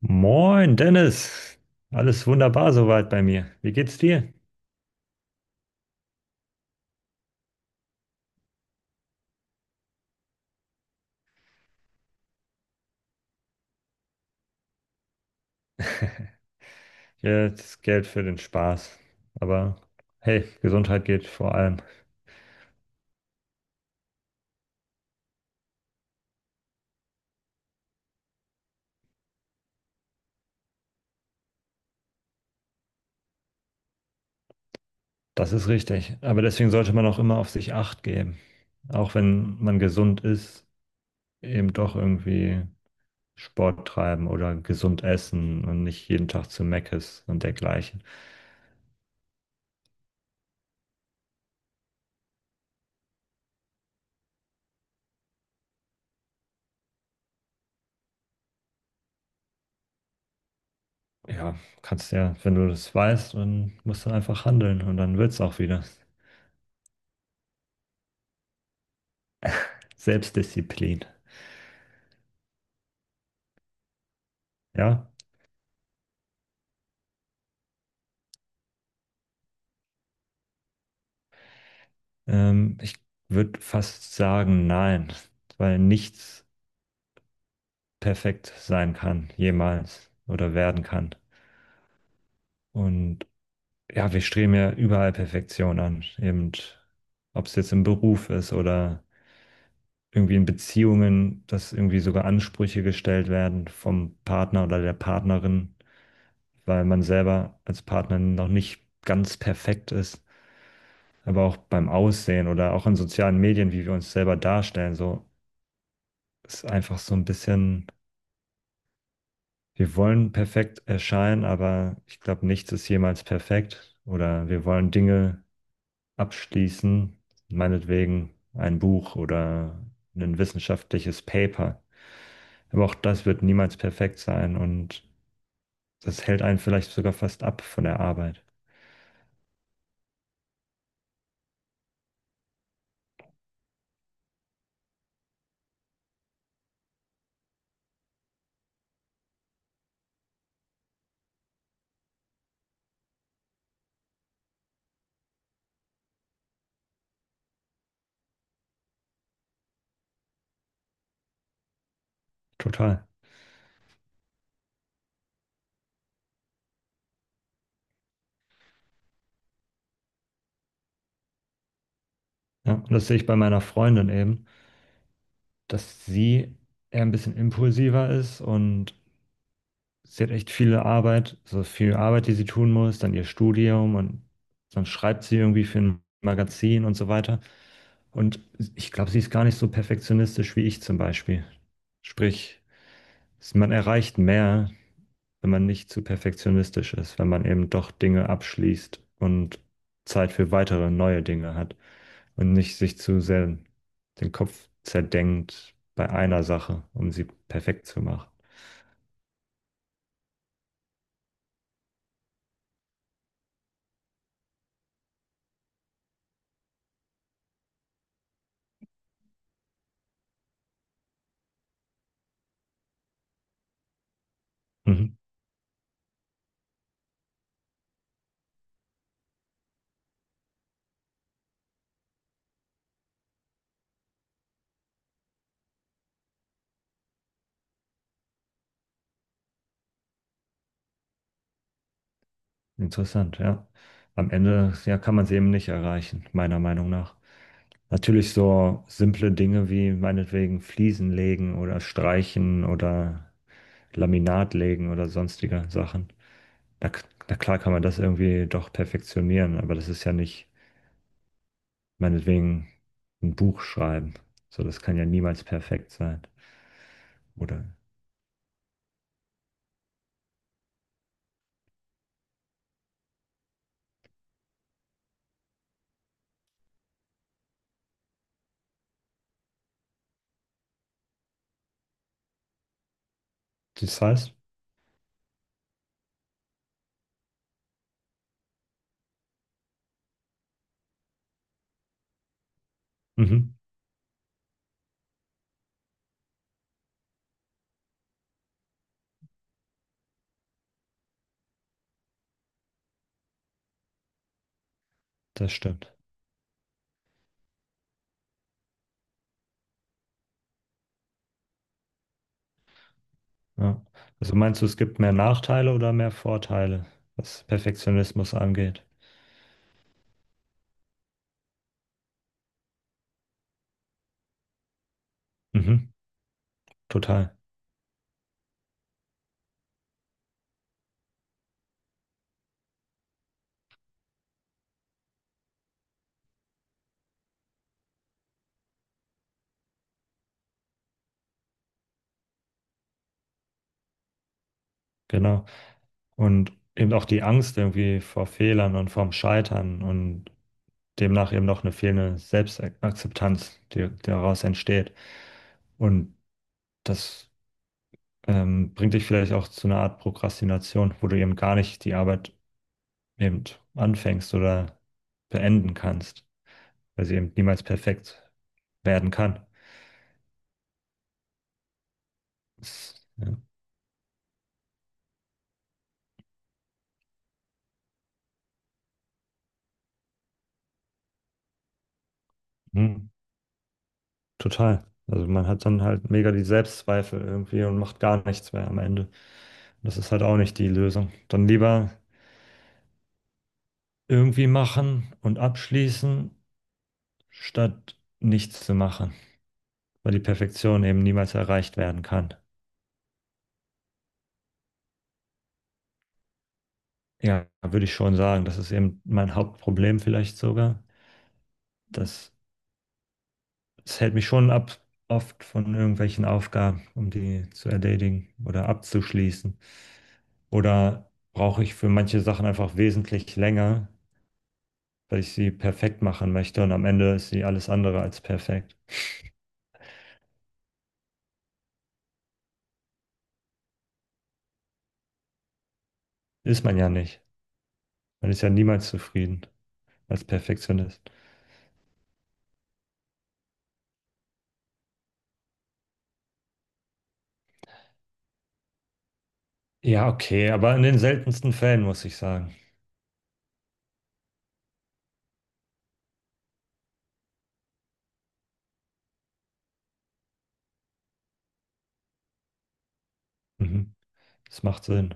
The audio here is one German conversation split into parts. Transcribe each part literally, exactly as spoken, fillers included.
Moin, Dennis. Alles wunderbar soweit bei mir. Wie geht's dir? Jetzt Geld für den Spaß. Aber hey, Gesundheit geht vor allem. Das ist richtig. Aber deswegen sollte man auch immer auf sich Acht geben. Auch wenn man gesund ist, eben doch irgendwie Sport treiben oder gesund essen und nicht jeden Tag zu Meckes und dergleichen. Ja, kannst ja, wenn du das weißt, dann musst du einfach handeln und dann wird's auch wieder. Selbstdisziplin. Ja? Ähm, ich würde fast sagen, nein, weil nichts perfekt sein kann, jemals oder werden kann. Und ja, wir streben ja überall Perfektion an, eben ob es jetzt im Beruf ist oder irgendwie in Beziehungen, dass irgendwie sogar Ansprüche gestellt werden vom Partner oder der Partnerin, weil man selber als Partner noch nicht ganz perfekt ist. Aber auch beim Aussehen oder auch in sozialen Medien, wie wir uns selber darstellen, so ist einfach so ein bisschen. Wir wollen perfekt erscheinen, aber ich glaube, nichts ist jemals perfekt. Oder wir wollen Dinge abschließen, meinetwegen ein Buch oder ein wissenschaftliches Paper. Aber auch das wird niemals perfekt sein und das hält einen vielleicht sogar fast ab von der Arbeit. Total. Ja, und das sehe ich bei meiner Freundin eben, dass sie eher ein bisschen impulsiver ist und sie hat echt viel Arbeit, so viel Arbeit, die sie tun muss, dann ihr Studium und dann schreibt sie irgendwie für ein Magazin und so weiter. Und ich glaube, sie ist gar nicht so perfektionistisch wie ich zum Beispiel. Sprich, es- man erreicht mehr, wenn man nicht zu perfektionistisch ist, wenn man eben doch Dinge abschließt und Zeit für weitere neue Dinge hat und nicht sich zu sehr den Kopf zerdenkt bei einer Sache, um sie perfekt zu machen. Mhm. Interessant, ja. Am Ende, ja, kann man es eben nicht erreichen, meiner Meinung nach. Natürlich so simple Dinge wie meinetwegen Fliesen legen oder streichen oder Laminat legen oder sonstige Sachen. Na, k- na klar kann man das irgendwie doch perfektionieren, aber das ist ja nicht meinetwegen ein Buch schreiben. So, das kann ja niemals perfekt sein. Oder das heißt, mhm, das stimmt. Ja. Also meinst du, es gibt mehr Nachteile oder mehr Vorteile, was Perfektionismus angeht? Mhm, total, genau. Und eben auch die Angst irgendwie vor Fehlern und vorm Scheitern und demnach eben auch eine fehlende Selbstakzeptanz, die daraus entsteht. Und das ähm, bringt dich vielleicht auch zu einer Art Prokrastination, wo du eben gar nicht die Arbeit eben anfängst oder beenden kannst, weil sie eben niemals perfekt werden kann. Das, ja. Hm. Total. Also man hat dann halt mega die Selbstzweifel irgendwie und macht gar nichts mehr am Ende. Das ist halt auch nicht die Lösung. Dann lieber irgendwie machen und abschließen, statt nichts zu machen, weil die Perfektion eben niemals erreicht werden kann. Ja, würde ich schon sagen. Das ist eben mein Hauptproblem vielleicht sogar. Das, das hält mich schon ab, oft von irgendwelchen Aufgaben, um die zu erledigen oder abzuschließen. Oder brauche ich für manche Sachen einfach wesentlich länger, weil ich sie perfekt machen möchte und am Ende ist sie alles andere als perfekt. Ist man ja nicht. Man ist ja niemals zufrieden als Perfektionist. Ja, okay, aber in den seltensten Fällen muss ich sagen. Mhm. Das macht Sinn.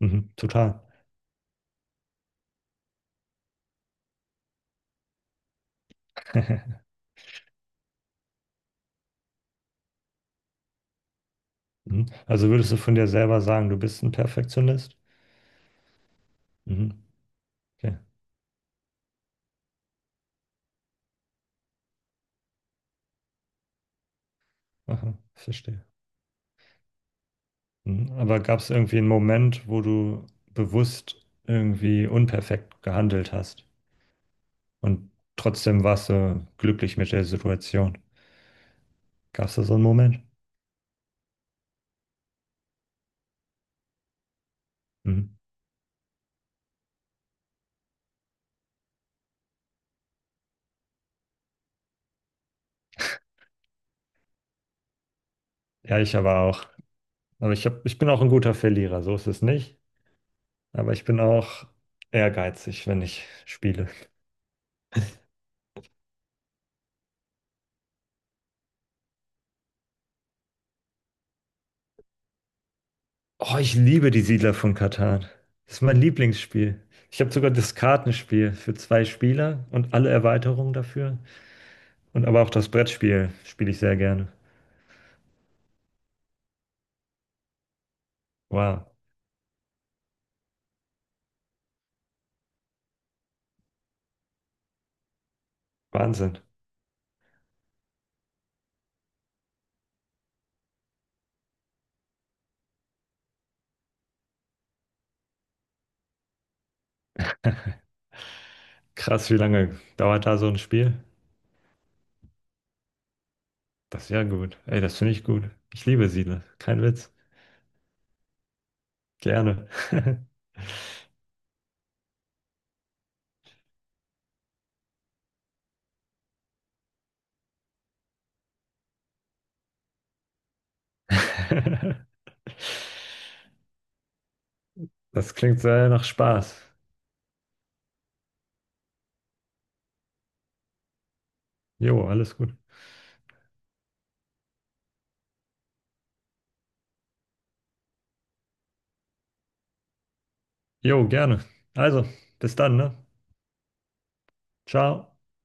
Mhm. Total. Mhm. Also würdest du von dir selber sagen, du bist ein Perfektionist? Mhm. Okay, aha, verstehe. Mhm. Aber gab es irgendwie einen Moment, wo du bewusst irgendwie unperfekt gehandelt hast und trotzdem warst du glücklich mit der Situation? Gab es da so einen Moment? Hm. Ja, ich aber auch. Aber ich hab, ich bin auch ein guter Verlierer, so ist es nicht. Aber ich bin auch ehrgeizig, wenn ich spiele. Oh, ich liebe die Siedler von Catan. Das ist mein Lieblingsspiel. Ich habe sogar das Kartenspiel für zwei Spieler und alle Erweiterungen dafür. Und aber auch das Brettspiel spiele ich sehr gerne. Wow, Wahnsinn. Krass, wie lange dauert da so ein Spiel? Das ist ja gut. Ey, das finde ich gut. Ich liebe Siedler. Kein Witz. Gerne. Das klingt sehr nach Spaß. Jo, alles gut. Jo, gerne. Also, bis dann, ne? Ciao.